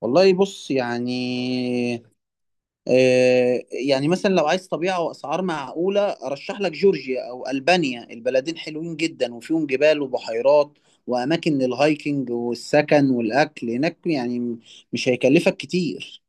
والله بص يعني، يعني مثلا لو عايز طبيعة وأسعار معقولة أرشح لك جورجيا أو ألبانيا. البلدين حلوين جدا وفيهم جبال وبحيرات وأماكن للهايكنج، والسكن والأكل هناك يعني مش هيكلفك كتير.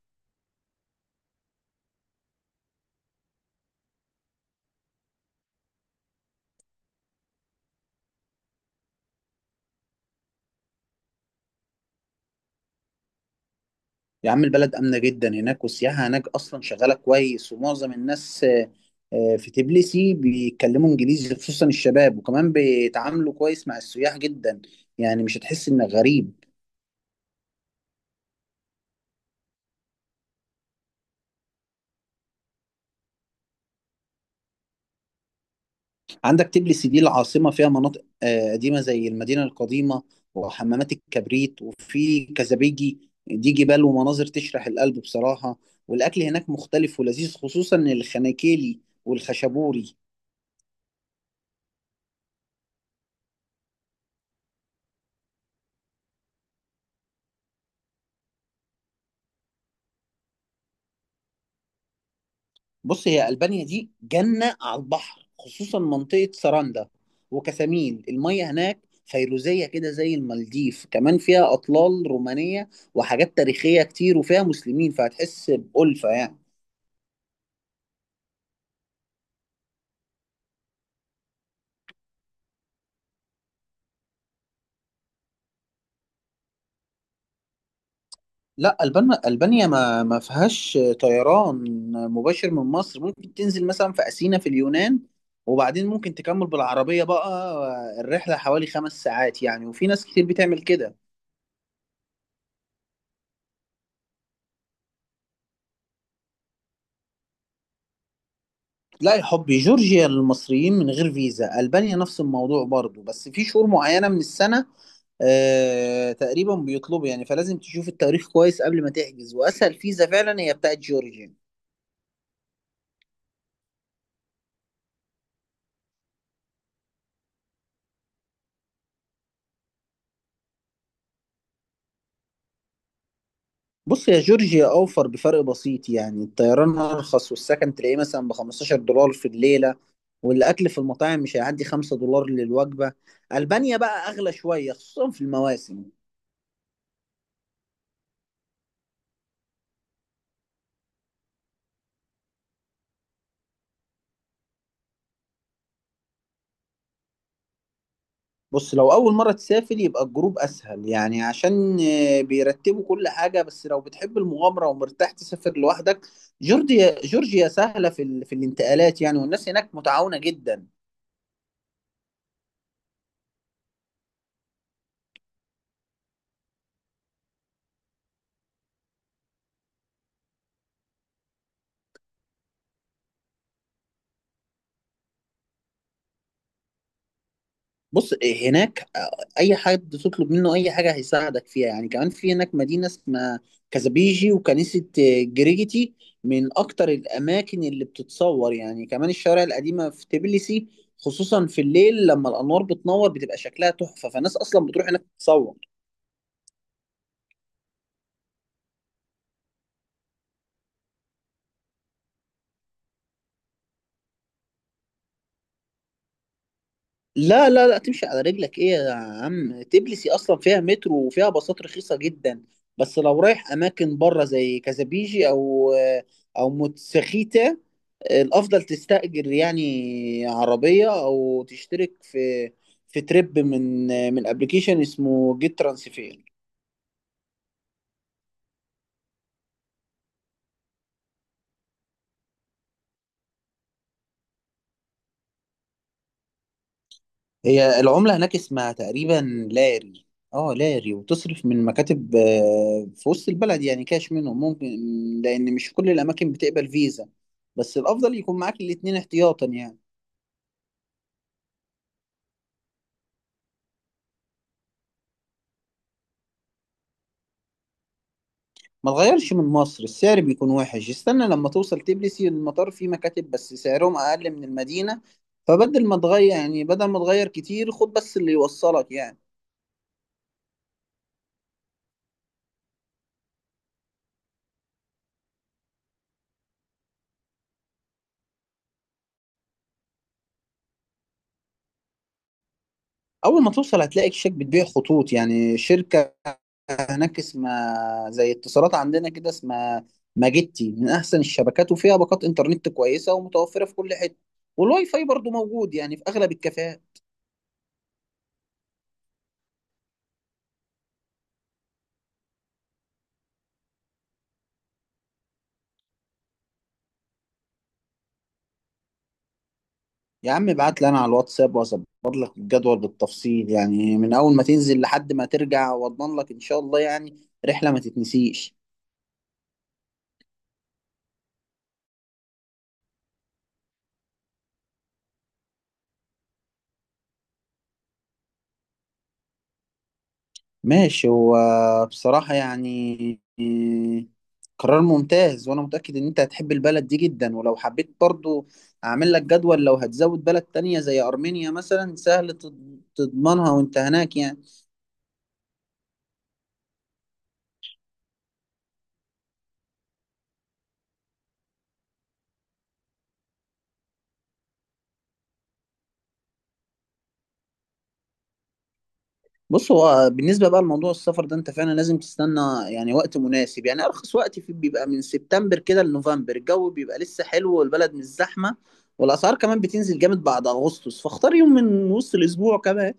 يا عم البلد آمنة جدا هناك، والسياحة هناك أصلا شغالة كويس، ومعظم الناس في تبليسي بيتكلموا إنجليزي خصوصا الشباب، وكمان بيتعاملوا كويس مع السياح جدا، يعني مش هتحس إنك غريب. عندك تبليس دي العاصمة فيها مناطق قديمة زي المدينة القديمة وحمامات الكبريت، وفي كزبيجي دي جبال ومناظر تشرح القلب بصراحة. والأكل هناك مختلف ولذيذ خصوصا الخناكيلي والخشبوري. بص هي ألبانيا دي جنة على البحر خصوصا منطقة سراندا وكسامين، المية هناك فيروزية كده زي المالديف، كمان فيها أطلال رومانية وحاجات تاريخية كتير، وفيها مسلمين فهتحس بألفة يعني. لا ألبانيا ما فيهاش طيران مباشر من مصر. ممكن تنزل مثلا في أثينا في اليونان، وبعدين ممكن تكمل بالعربية. بقى الرحلة حوالي 5 ساعات يعني، وفي ناس كتير بتعمل كده. لا يا حبي جورجيا للمصريين من غير فيزا، ألبانيا نفس الموضوع برضو بس في شهور معينة من السنة آه تقريبا بيطلبوا يعني. فلازم تشوف التاريخ كويس قبل ما تحجز، وأسهل فيزا فعلا هي بتاعت جورجيا. بص يا جورجيا اوفر بفرق بسيط، يعني الطيران ارخص والسكن تلاقيه مثلا ب 15 دولار في الليله، والاكل في المطاعم مش هيعدي 5 دولار للوجبه. البانيا بقى اغلى شويه خصوصا في المواسم. بص لو اول مره تسافر يبقى الجروب اسهل، يعني عشان بيرتبوا كل حاجه. بس لو بتحب المغامره ومرتاح تسافر لوحدك، جورجيا سهله في الانتقالات يعني، والناس هناك متعاونه جدا. بص هناك اي حد تطلب منه اي حاجه هيساعدك فيها يعني. كمان في هناك مدينه اسمها كازابيجي، وكنيسه جريجيتي من اكتر الاماكن اللي بتتصور يعني. كمان الشوارع القديمه في تبليسي خصوصا في الليل لما الانوار بتنور بتبقى شكلها تحفه، فالناس اصلا بتروح هناك تتصور. لا لا لا تمشي على رجلك ايه يا عم. تبليسي اصلا فيها مترو وفيها باصات رخيصه جدا، بس لو رايح اماكن بره زي كازابيجي او متسخيتا، الافضل تستأجر يعني عربية او تشترك في تريب من ابلكيشن اسمه جيت ترانسفير. هي العملة هناك اسمها تقريبا لاري. اه لاري، وتصرف من مكاتب في وسط البلد يعني كاش منهم ممكن، لان مش كل الاماكن بتقبل فيزا، بس الافضل يكون معاك الاتنين احتياطا يعني. ما تغيرش من مصر السعر بيكون وحش، استنى لما توصل تبلسي. المطار فيه مكاتب بس سعرهم أقل من المدينة، فبدل ما تغير يعني بدل ما تغير كتير خد بس اللي يوصلك يعني. أول ما توصل هتلاقي شركة بتبيع خطوط يعني. شركة هناك اسمها زي اتصالات عندنا كده، اسمها ماجيتي، من أحسن الشبكات وفيها باقات إنترنت كويسة ومتوفرة في كل حتة. والواي فاي برضو موجود يعني في أغلب الكافيهات. يا عم ابعت لي انا على الواتساب واظبط لك الجدول بالتفصيل يعني، من اول ما تنزل لحد ما ترجع، واضمن لك ان شاء الله يعني رحلة ما تتنسيش. ماشي هو بصراحة يعني قرار ممتاز، وانا متأكد ان انت هتحب البلد دي جدا، ولو حبيت برضو اعمل لك جدول لو هتزود بلد تانية زي ارمينيا مثلا، سهل تضمنها وانت هناك يعني. بص هو بالنسبة بقى لموضوع السفر ده انت فعلا لازم تستنى يعني وقت مناسب، يعني ارخص وقت في بيبقى من سبتمبر كده لنوفمبر، الجو بيبقى لسه حلو والبلد مش زحمة، والاسعار كمان بتنزل جامد بعد اغسطس، فاختار يوم من وسط الاسبوع كمان.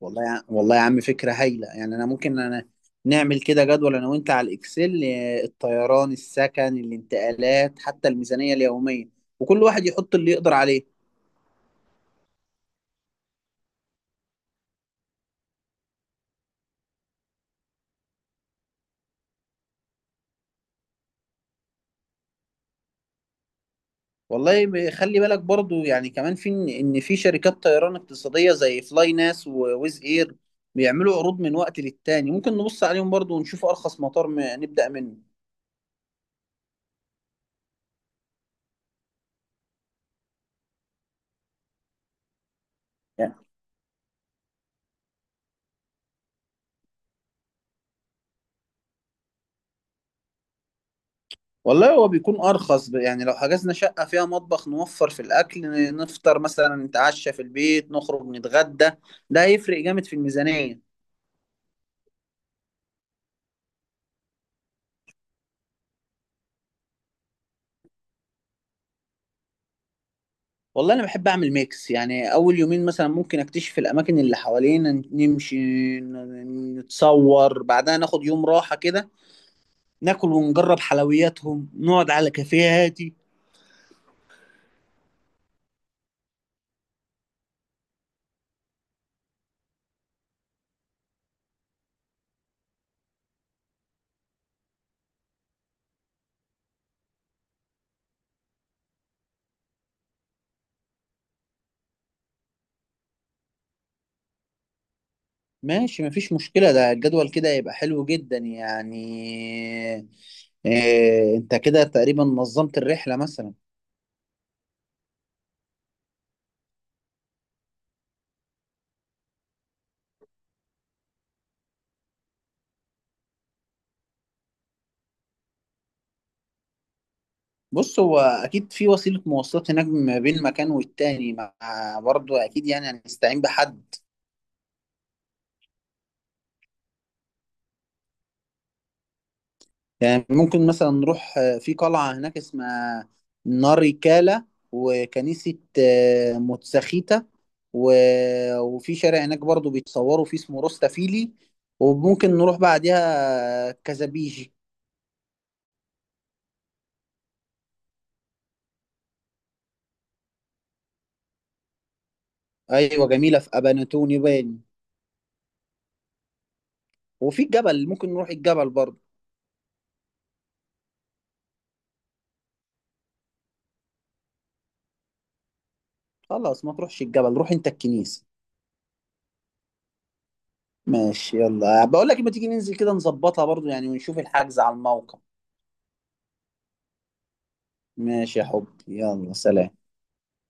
والله يا عم فكرة هايلة يعني. انا ممكن نعمل كده جدول انا وانت على الاكسل، الطيران السكن الانتقالات حتى الميزانية اليومية، وكل واحد يحط اللي يقدر عليه. والله خلي بالك برضو يعني. كمان في إن في شركات طيران اقتصادية زي فلاي ناس وويز اير بيعملوا عروض من وقت للتاني، ممكن نبص عليهم برضو ونشوف ارخص مطار نبدأ منه يعني. والله هو بيكون ارخص يعني لو حجزنا شقة فيها مطبخ نوفر في الاكل، نفطر مثلا نتعشى في البيت نخرج نتغدى، ده هيفرق جامد في الميزانية. والله انا بحب اعمل ميكس يعني، اول يومين مثلا ممكن اكتشف الاماكن اللي حوالينا نمشي نتصور، بعدها ناخد يوم راحة كده، ناكل ونجرب حلوياتهم نقعد على كافيه هادي. ماشي مفيش مشكلة، ده الجدول كده يبقى حلو جدا يعني. إيه انت كده تقريبا نظمت الرحلة مثلا. بص هو اكيد في وسيلة مواصلات هناك ما بين مكان والتاني، مع برضه اكيد يعني هنستعين بحد. يعني ممكن مثلا نروح في قلعة هناك اسمها ناريكالا، وكنيسة موتساخيتا، و... وفي شارع هناك برضو بيتصوروا فيه اسمه روستا فيلي، وممكن نروح بعدها كازابيجي. أيوة جميلة في أباناتون يباني. وفي الجبل ممكن نروح الجبل برضو. خلاص ما تروحش الجبل، روح أنت الكنيسة. ماشي يلا بقول لك ما تيجي ننزل كده نظبطها برضو يعني ونشوف الحجز على الموقع. ماشي يا حبي، يلا سلام.